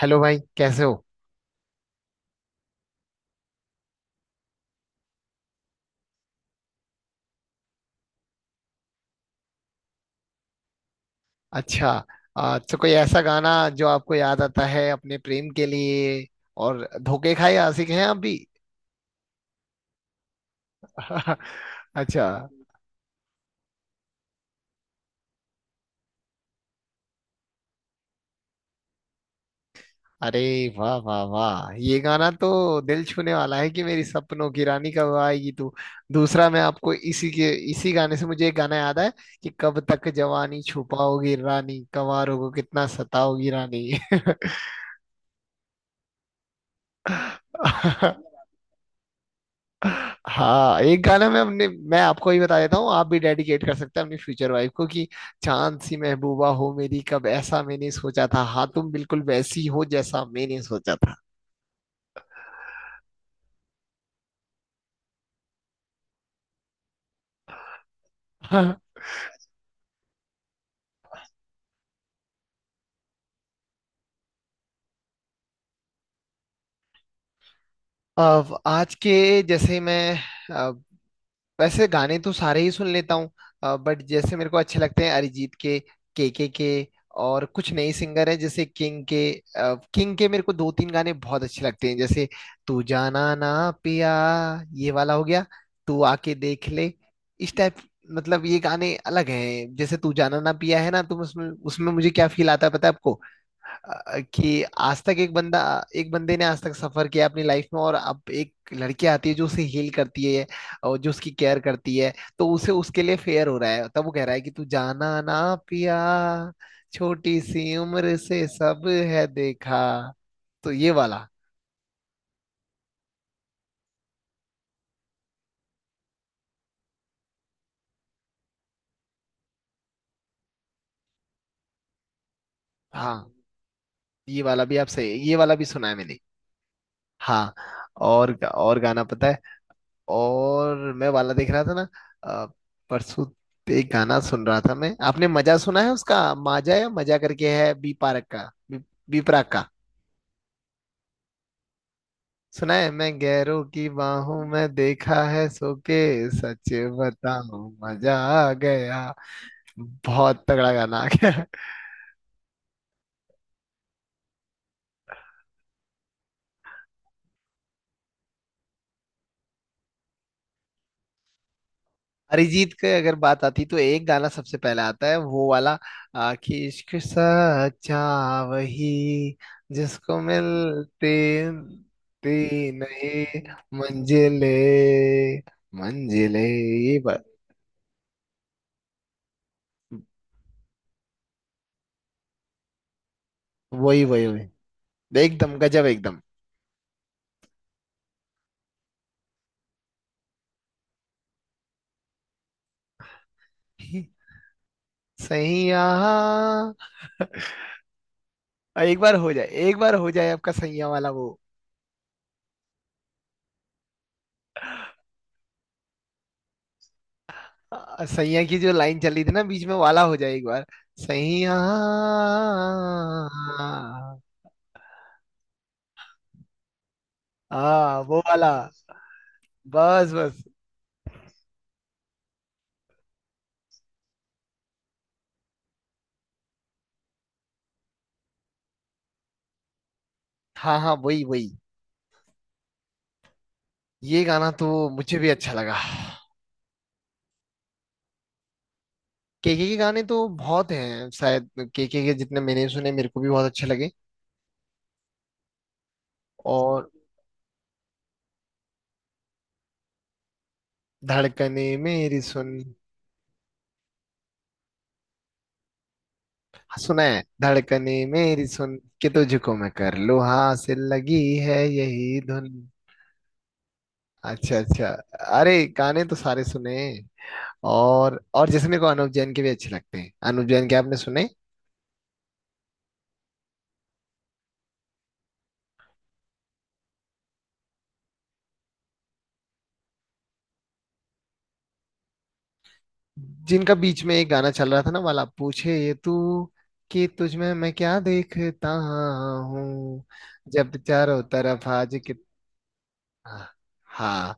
Hello भाई, कैसे हो। अच्छा। तो कोई ऐसा गाना जो आपको याद आता है अपने प्रेम के लिए, और धोखे खाए आशिक हैं आप भी। अच्छा। अरे वाह वाह वाह, ये गाना तो दिल छूने वाला है कि मेरी सपनों की रानी कब आएगी तू। दूसरा, मैं आपको इसी के इसी गाने से मुझे एक गाना याद है कि कब तक जवानी छुपाओगी रानी, कंवारों को कितना सताओगी रानी। हाँ, एक गाना मैं अपने मैं आपको ही बता देता हूँ, आप भी डेडिकेट कर सकते हैं अपनी फ्यूचर वाइफ को कि चांद सी महबूबा हो मेरी, कब ऐसा मैंने सोचा था, हाँ तुम बिल्कुल वैसी हो जैसा मैंने सोचा था। अब आज के, जैसे मैं, वैसे गाने तो सारे ही सुन लेता हूँ, बट जैसे मेरे को अच्छे लगते हैं अरिजीत के, केके के, और कुछ नए सिंगर हैं जैसे किंग के। किंग के मेरे को दो तीन गाने बहुत अच्छे लगते हैं, जैसे तू जाना ना पिया, ये वाला हो गया, तू आके देख ले, इस टाइप। मतलब ये गाने अलग हैं, जैसे तू जाना ना पिया है ना, तुम उसमें उसमें मुझे क्या फील आता है, पता है आपको। कि आज तक एक बंदा, एक बंदे ने आज तक सफर किया अपनी लाइफ में, और अब एक लड़की आती है जो उसे हील करती है और जो उसकी केयर करती है, तो उसे उसके लिए फेयर हो रहा है, तब वो कह रहा है कि तू जाना ना पिया, छोटी सी उम्र से सब है देखा। तो ये वाला। हाँ, ये वाला भी, आपसे ये वाला भी सुना है मैंने। हाँ, और गाना पता है। और मैं वाला देख रहा था ना। अ, परसों एक गाना सुन रहा था मैं, आपने मजा सुना है उसका, माजा या मजा करके है, बी पार्क का, बी प्राक का। सुना है, मैं गैरों की बाहों में देखा है सो के, सच बताऊं मजा आ गया, बहुत तगड़ा गाना आ गया। अरिजीत के अगर बात आती तो एक गाना सबसे पहले आता है, वो वाला। कि इश्क सच्चा, वही, जिसको मिलती, मिलती नहीं, मंजिले, मंजिले, ये बात, वही वही वही, एकदम गजब, एकदम। सैया, और एक बार हो जाए, एक बार हो जाए आपका सैया वाला वो। सैया की जो लाइन चली थी ना, बीच में वाला, हो जाए एक बार, सैया। हाँ, वो वाला, बस बस। हाँ हाँ, वही वही, ये गाना तो मुझे भी अच्छा लगा। केके के गाने तो बहुत हैं शायद, केके के जितने मैंने सुने मेरे को भी बहुत अच्छे लगे। और धड़कने मेरी सुन। हाँ, सुना है, धड़कने मेरी सुन के तुझको मैं कर लूँ हासिल, लगी है यही धुन। अच्छा अच्छा। अरे, गाने तो सारे सुने। और जैसे मेरे को अनुव जैन के भी अच्छे लगते हैं, अनुव जैन के आपने सुने। जिनका बीच में एक गाना चल रहा था ना वाला, पूछे ये तू, कि तुझ में मैं क्या देखता हूँ। जब चारों तरफ आज कि, हाँ, हाँ,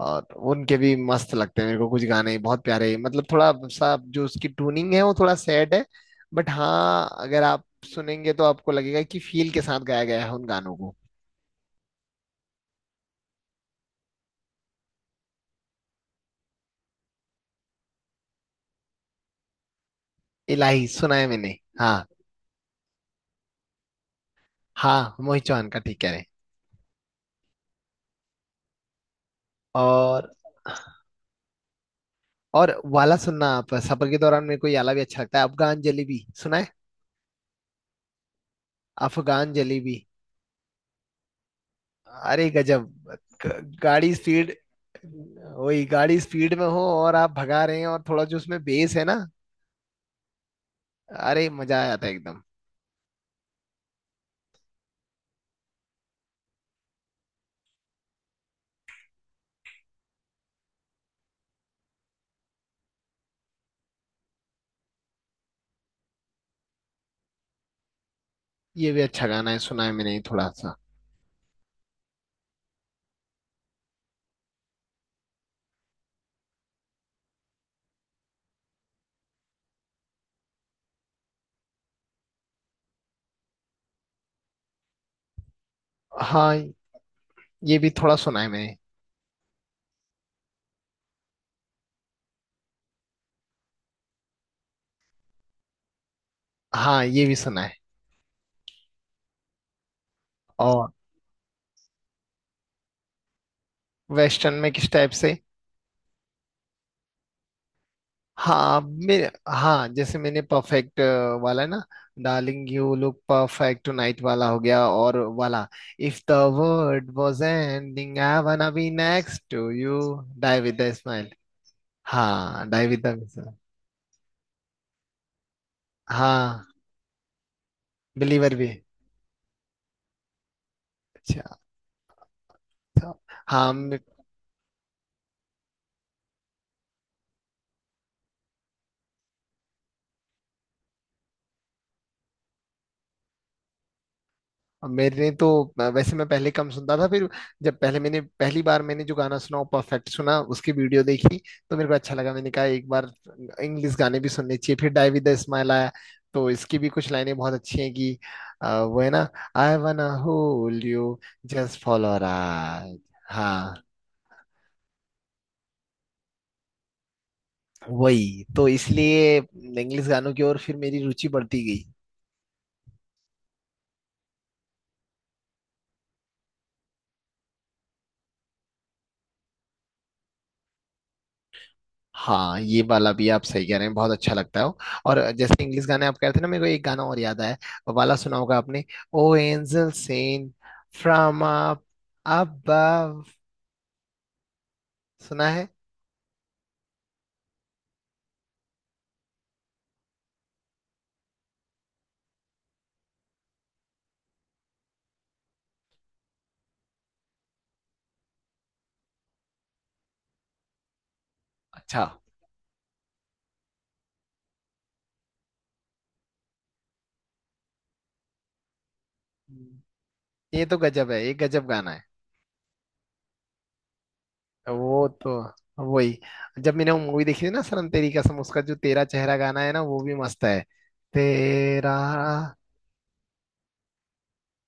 और उनके भी मस्त लगते हैं मेरे को, कुछ गाने बहुत प्यारे, मतलब थोड़ा सा जो उसकी ट्यूनिंग है वो थोड़ा सैड है, बट हाँ अगर आप सुनेंगे तो आपको लगेगा कि फील के साथ गाया गया है उन गानों को। इलाही सुना है मैंने। हाँ, हाँ, मोहित चौहान का ठीक कह रहे हैं। और और वाला सुनना आप सफर के दौरान, मेरे को ये वाला भी अच्छा लगता है, अफगान जलेबी सुना है। अफगान जलेबी, अरे गजब, ग- गाड़ी स्पीड, वही गाड़ी स्पीड में हो और आप भगा रहे हैं, और थोड़ा जो उसमें बेस है ना, अरे मजा आ जाता है एकदम। ये भी अच्छा गाना है, सुना है मैंने थोड़ा सा। हाँ, ये भी थोड़ा सुना है मैंने। हाँ, ये भी सुना है। और वेस्टर्न में किस टाइप से। हाँ मेरे, हाँ जैसे मैंने परफेक्ट वाला है ना, darling you look perfect tonight वाला हो गया, और वाला, if the world was ending I wanna be next to you. Die with the smile. हाँ, डाई विद द, हाँ, बिलीवर भी। अच्छा। अच्छा। हाँ। अब मेरे तो, वैसे मैं पहले कम सुनता था, फिर जब पहले मैंने पहली बार मैंने जो गाना सुना वो परफेक्ट सुना, उसकी वीडियो देखी, तो मेरे को अच्छा लगा, मैंने कहा एक बार इंग्लिश गाने भी सुनने चाहिए, फिर डाई विद द स्माइल आया, तो इसकी भी कुछ लाइनें बहुत अच्छी हैं कि, वो है ना, I wanna hold you, just follow right. हाँ, वही तो इसलिए इंग्लिश गानों की ओर फिर मेरी रुचि बढ़ती। हाँ, ये वाला भी आप सही कह रहे हैं, बहुत अच्छा लगता है वो। और जैसे इंग्लिश गाने आप कह रहे थे ना, मेरे को एक गाना और याद आया, वो वाला सुना होगा आपने, O angel sent from up above, सुना है। अच्छा, ये तो गजब है, ये गजब गाना है। वो तो, वही, जब मैंने वो मूवी देखी थी ना सनम तेरी कसम, उसका जो तेरा चेहरा गाना है ना वो भी मस्त है, तेरा,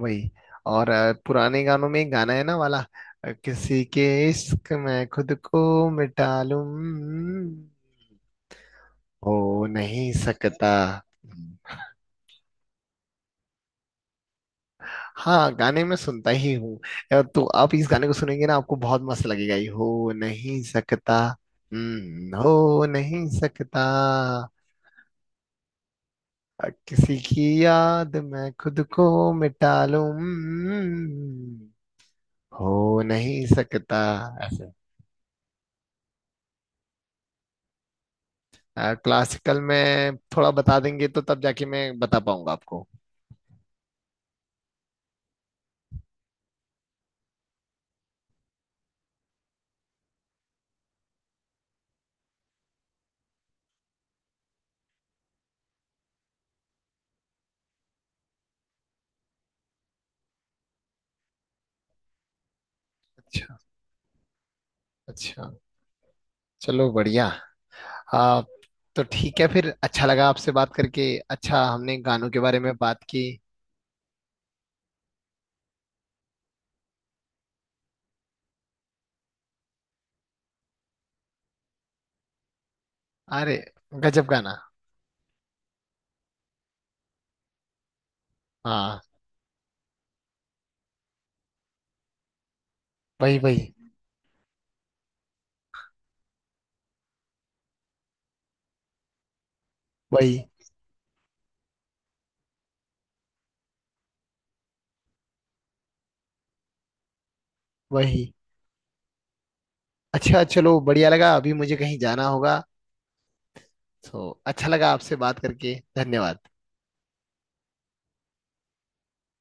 वही। और पुराने गानों में एक गाना है ना वाला, किसी के इश्क में खुद को मिटा लूं, हो नहीं सकता। हाँ, गाने में सुनता ही हूँ। तो आप इस गाने को सुनेंगे ना आपको बहुत मस्त लगेगा, ये हो नहीं सकता। हो नहीं सकता। किसी की याद में खुद को मिटा लूं, हो नहीं सकता। क्लासिकल में थोड़ा बता देंगे तो तब जाके मैं बता पाऊंगा आपको। अच्छा अच्छा, चलो बढ़िया। आ, तो ठीक है फिर, अच्छा लगा आपसे बात करके। अच्छा, हमने गानों के बारे में बात की। अरे गजब गाना। हाँ, वही वही वही, वही। अच्छा, चलो बढ़िया लगा, अभी मुझे कहीं जाना होगा, तो अच्छा लगा आपसे बात करके, धन्यवाद।